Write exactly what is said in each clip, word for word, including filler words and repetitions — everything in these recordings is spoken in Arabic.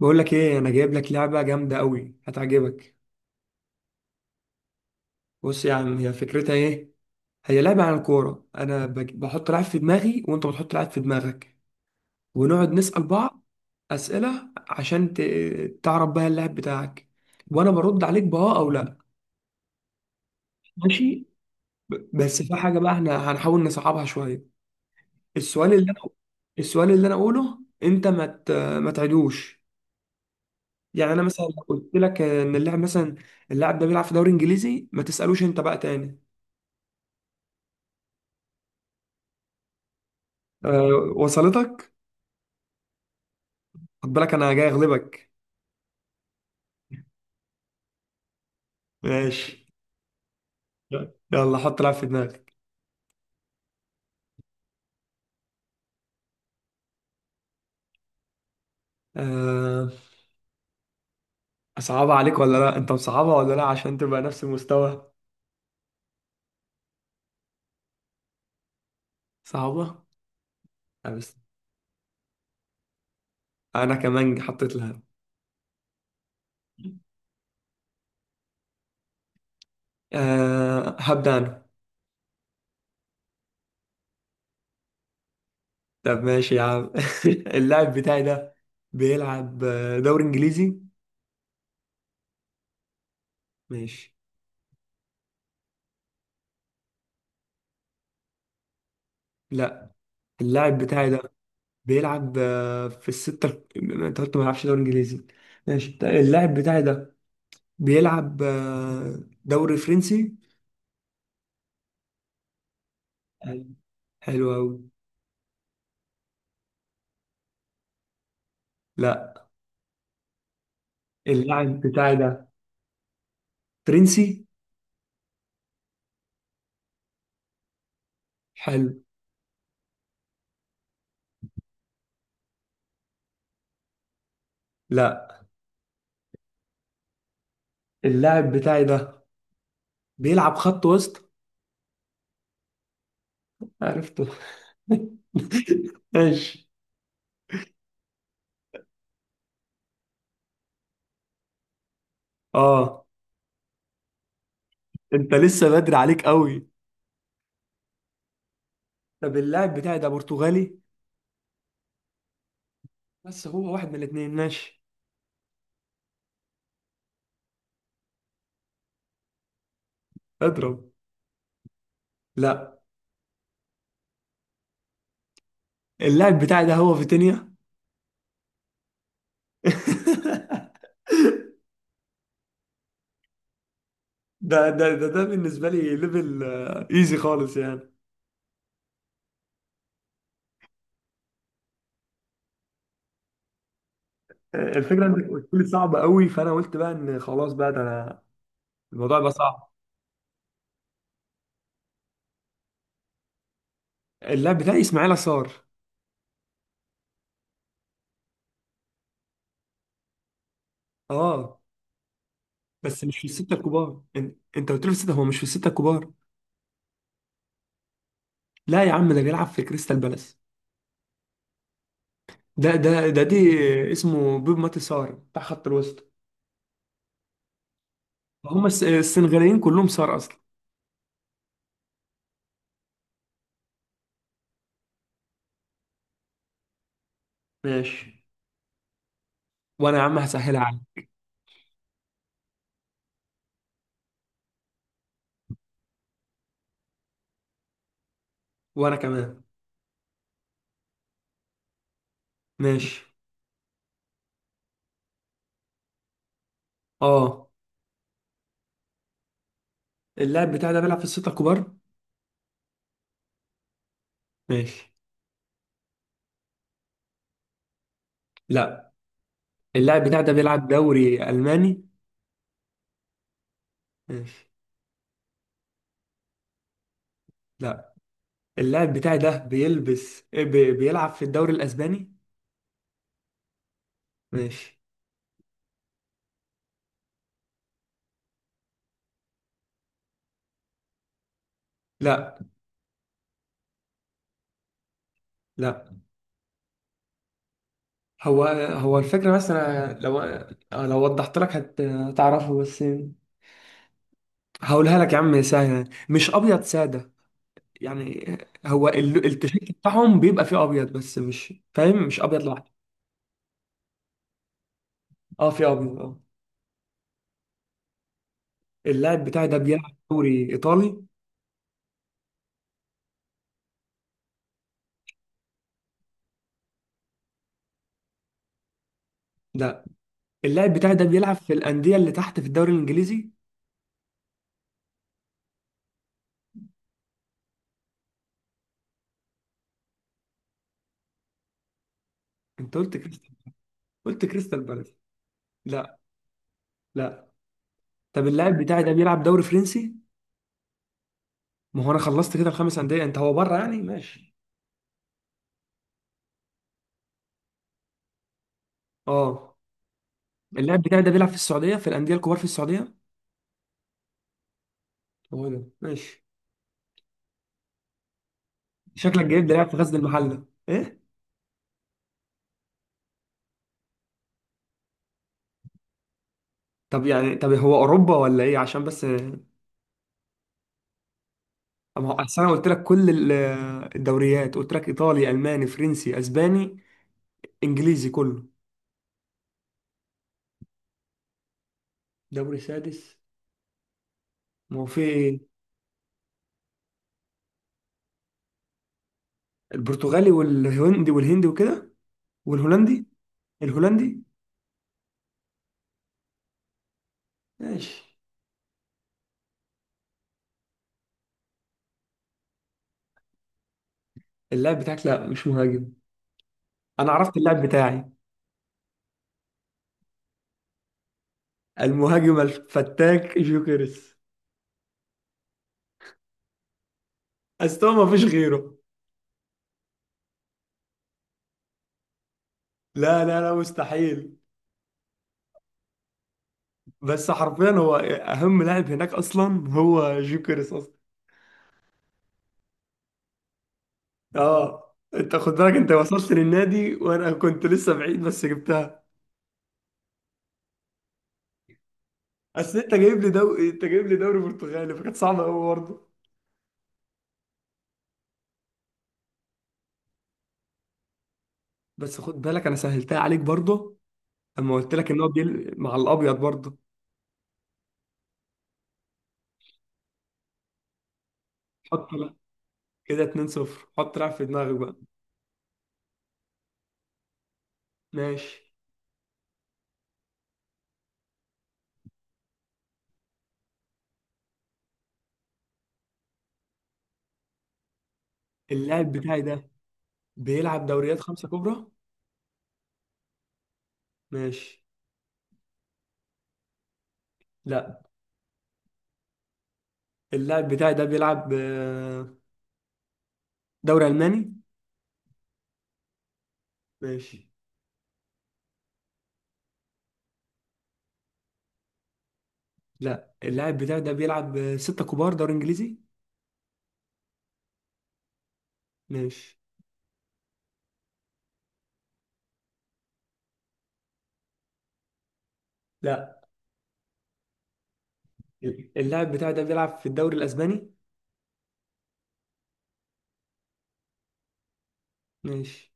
بقول لك ايه؟ انا جايب لك لعبه جامده قوي هتعجبك. بص يا عم، هي فكرتها ايه؟ هي لعبه عن الكوره، انا بج- بحط لعب في دماغي وانت بتحط لعب في دماغك، ونقعد نسال بعض اسئله عشان ت... تعرف بقى اللاعب بتاعك، وانا برد عليك باه او لا. ماشي. ب- بس في حاجه بقى احنا هنحاول نصعبها شويه. السؤال اللي انا السؤال اللي انا اقوله، انت ما ت... ما تعدوش. يعني انا مثلا لو قلت لك ان اللاعب مثلا، اللاعب ده بيلعب في دوري انجليزي، ما تسالوش انت بقى تاني. أه، وصلتك؟ خد بالك انا جاي اغلبك. ماشي. يلا حط لعب في دماغك. أه، صعبة عليك ولا لا؟ انت مصعبة ولا لا؟ عشان تبقى نفس المستوى. صعبة؟ أه بس. انا كمان حطيت لها. أه، هبدأ انا. طب ماشي يا عم. اللاعب بتاعي ده بيلعب آه، دوري انجليزي. ماشي. لا. اللاعب بتاعي ده بيلعب آه، في الستة. انت قلت ما بيلعبش دوري انجليزي. ماشي طيب. اللاعب بتاعي ده بيلعب آه، دوري فرنسي. حلو. حلو أوي. لا. اللاعب بتاعي ده فرنسي. حلو. لا. اللاعب بتاعي ده بيلعب خط وسط. عرفته. ماشي. اه، انت لسه بدري عليك قوي. طب اللاعب بتاعي ده برتغالي، بس هو واحد من الاثنين. ماشي. اضرب. لا. اللاعب بتاعي ده هو فيتينيا. ده ده ده ده بالنسبة لي ليفل ايزي خالص يعني. الفكره، انت قلت لي صعب قوي، فانا قلت بقى ان خلاص بقى ده انا الموضوع بقى صعب. اللاعب بتاعي اسماعيل صار. اه، بس مش في السته الكبار. إن- انت قلت لي في السته، هو مش في السته الكبار. لا يا عم، ده بيلعب في كريستال بالاس. ده ده ده دي اسمه بيب ماتي سار بتاع خط الوسط. هم الس- السنغاليين كلهم سار اصلا. ماشي. وانا يا عم هسهلها عليك. وانا كمان. ماشي. اه. اللاعب بتاعي ده بيلعب في السته الكبار. ماشي. لا. اللاعب بتاعي ده بيلعب دوري الماني. ماشي. لا. اللاعب بتاعي ده بيلبس بي- بيلعب في الدوري الاسباني. ماشي. لا. لا. هو هو الفكره، بس انا لو لو وضحت لك هت- هتعرفه بس. هقولها لك يا عم سهله، مش ابيض ساده يعني. هو ال- التيشيرت بتاعهم بيبقى فيه ابيض، بس مش فاهم، مش ابيض لوحده. اه، فيه ابيض اه. اللاعب بتاعي ده بيلعب في دوري ايطالي. لا. اللاعب بتاعي ده بيلعب في الانديه اللي تحت في الدوري الانجليزي. انت قلت كريستال، قلت كريستال بالاس. لا. لا. طب اللاعب بتاعي ده بيلعب دوري فرنسي. ما هو انا خلصت كده الخمس انديه، انت هو بره يعني. ماشي. اه. اللاعب بتاعي ده بيلعب في السعوديه، في الانديه الكبار في السعوديه. هو ده. ماشي. شكلك جايب ده لاعب في غزل المحله ايه؟ طب يعني، طب هو اوروبا ولا ايه، عشان بس. طب ما هو أصل انا قلت لك كل ال- الدوريات، قلت لك ايطالي الماني فرنسي اسباني انجليزي كله. دوري سادس؟ ما هو في ايه؟ البرتغالي والهندي والهندي وكده والهولندي. الهولندي. ماشي. اللاعب بتاعك لا، مش مهاجم. انا عرفت اللاعب بتاعي. المهاجم الفتاك جوكيرس. استوى، ما فيش غيره. لا لا لا، مستحيل. بس حرفيا هو اهم لاعب هناك اصلا، هو جوكيرس اصلا. اه، انت خد بالك، انت وصلت للنادي وانا كنت لسه بعيد، بس جبتها. اصل انت جايب لي دو... انت جايب لي دوري برتغالي فكانت صعبه قوي برضه. بس خد بالك انا سهلتها عليك برضه، اما قلت لك ان هو بيل... مع الابيض برضه. حط. لا. كده اتنين صفر. حط لاعب في دماغك بقى. ماشي. اللاعب بتاعي ده بيلعب دوريات خمسة كبرى. ماشي. لا. اللاعب بتاعي ده بيلعب آه، دوري ألماني. ماشي. لا. اللاعب بتاعي ده بيلعب آه، ستة كبار دوري إنجليزي. ماشي. لا. اللاعب بتاعي ده بيلعب في الدوري الأسباني. ماشي.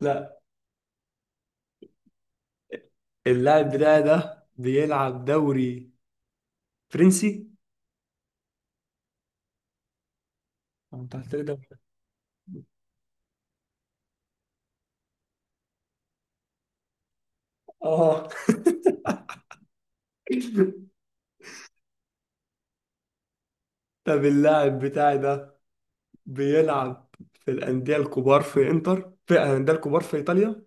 لا. اللاعب بتاعي ده بيلعب دوري فرنسي. أه، انت قلت لي دوري. اه. طب اللاعب بتاعي ده بيلعب في الأندية الكبار في إنتر، في الأندية الكبار في إيطاليا.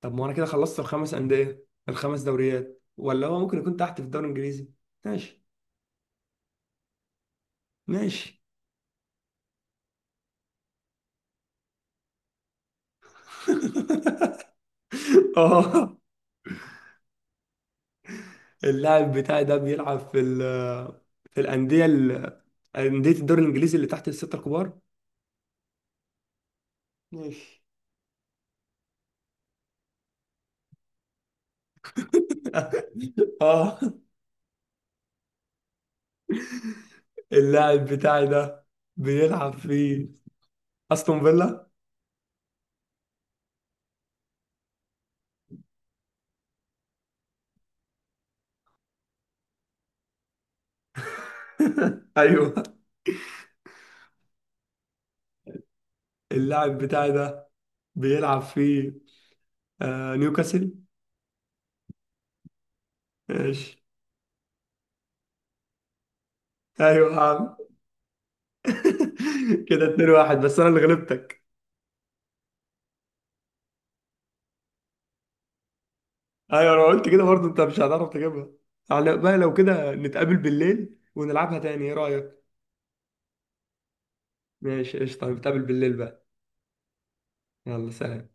طب ما انا كده خلصت الخمس انديه، الخمس دوريات، ولا هو ممكن يكون تحت في الدوري الانجليزي. ماشي. ماشي. اه. اللاعب بتاعي ده بيلعب في ال في الانديه ال- انديه الدوري الانجليزي اللي تحت السته الكبار. ماشي. اه. اللاعب بتاعي ده بيلعب في استون فيلا. ايوه. اللاعب بتاعي ده بيلعب في آه نيوكاسل. ماشي. ايوه يا عم. كده اتنين واحد، بس انا اللي غلبتك. ايوه، انا قلت كده برضه انت مش هتعرف تجيبها. على بقى لو كده نتقابل بالليل ونلعبها تاني، ايه رأيك؟ ماشي قشطه. نتقابل بالليل بقى. يلا سلام.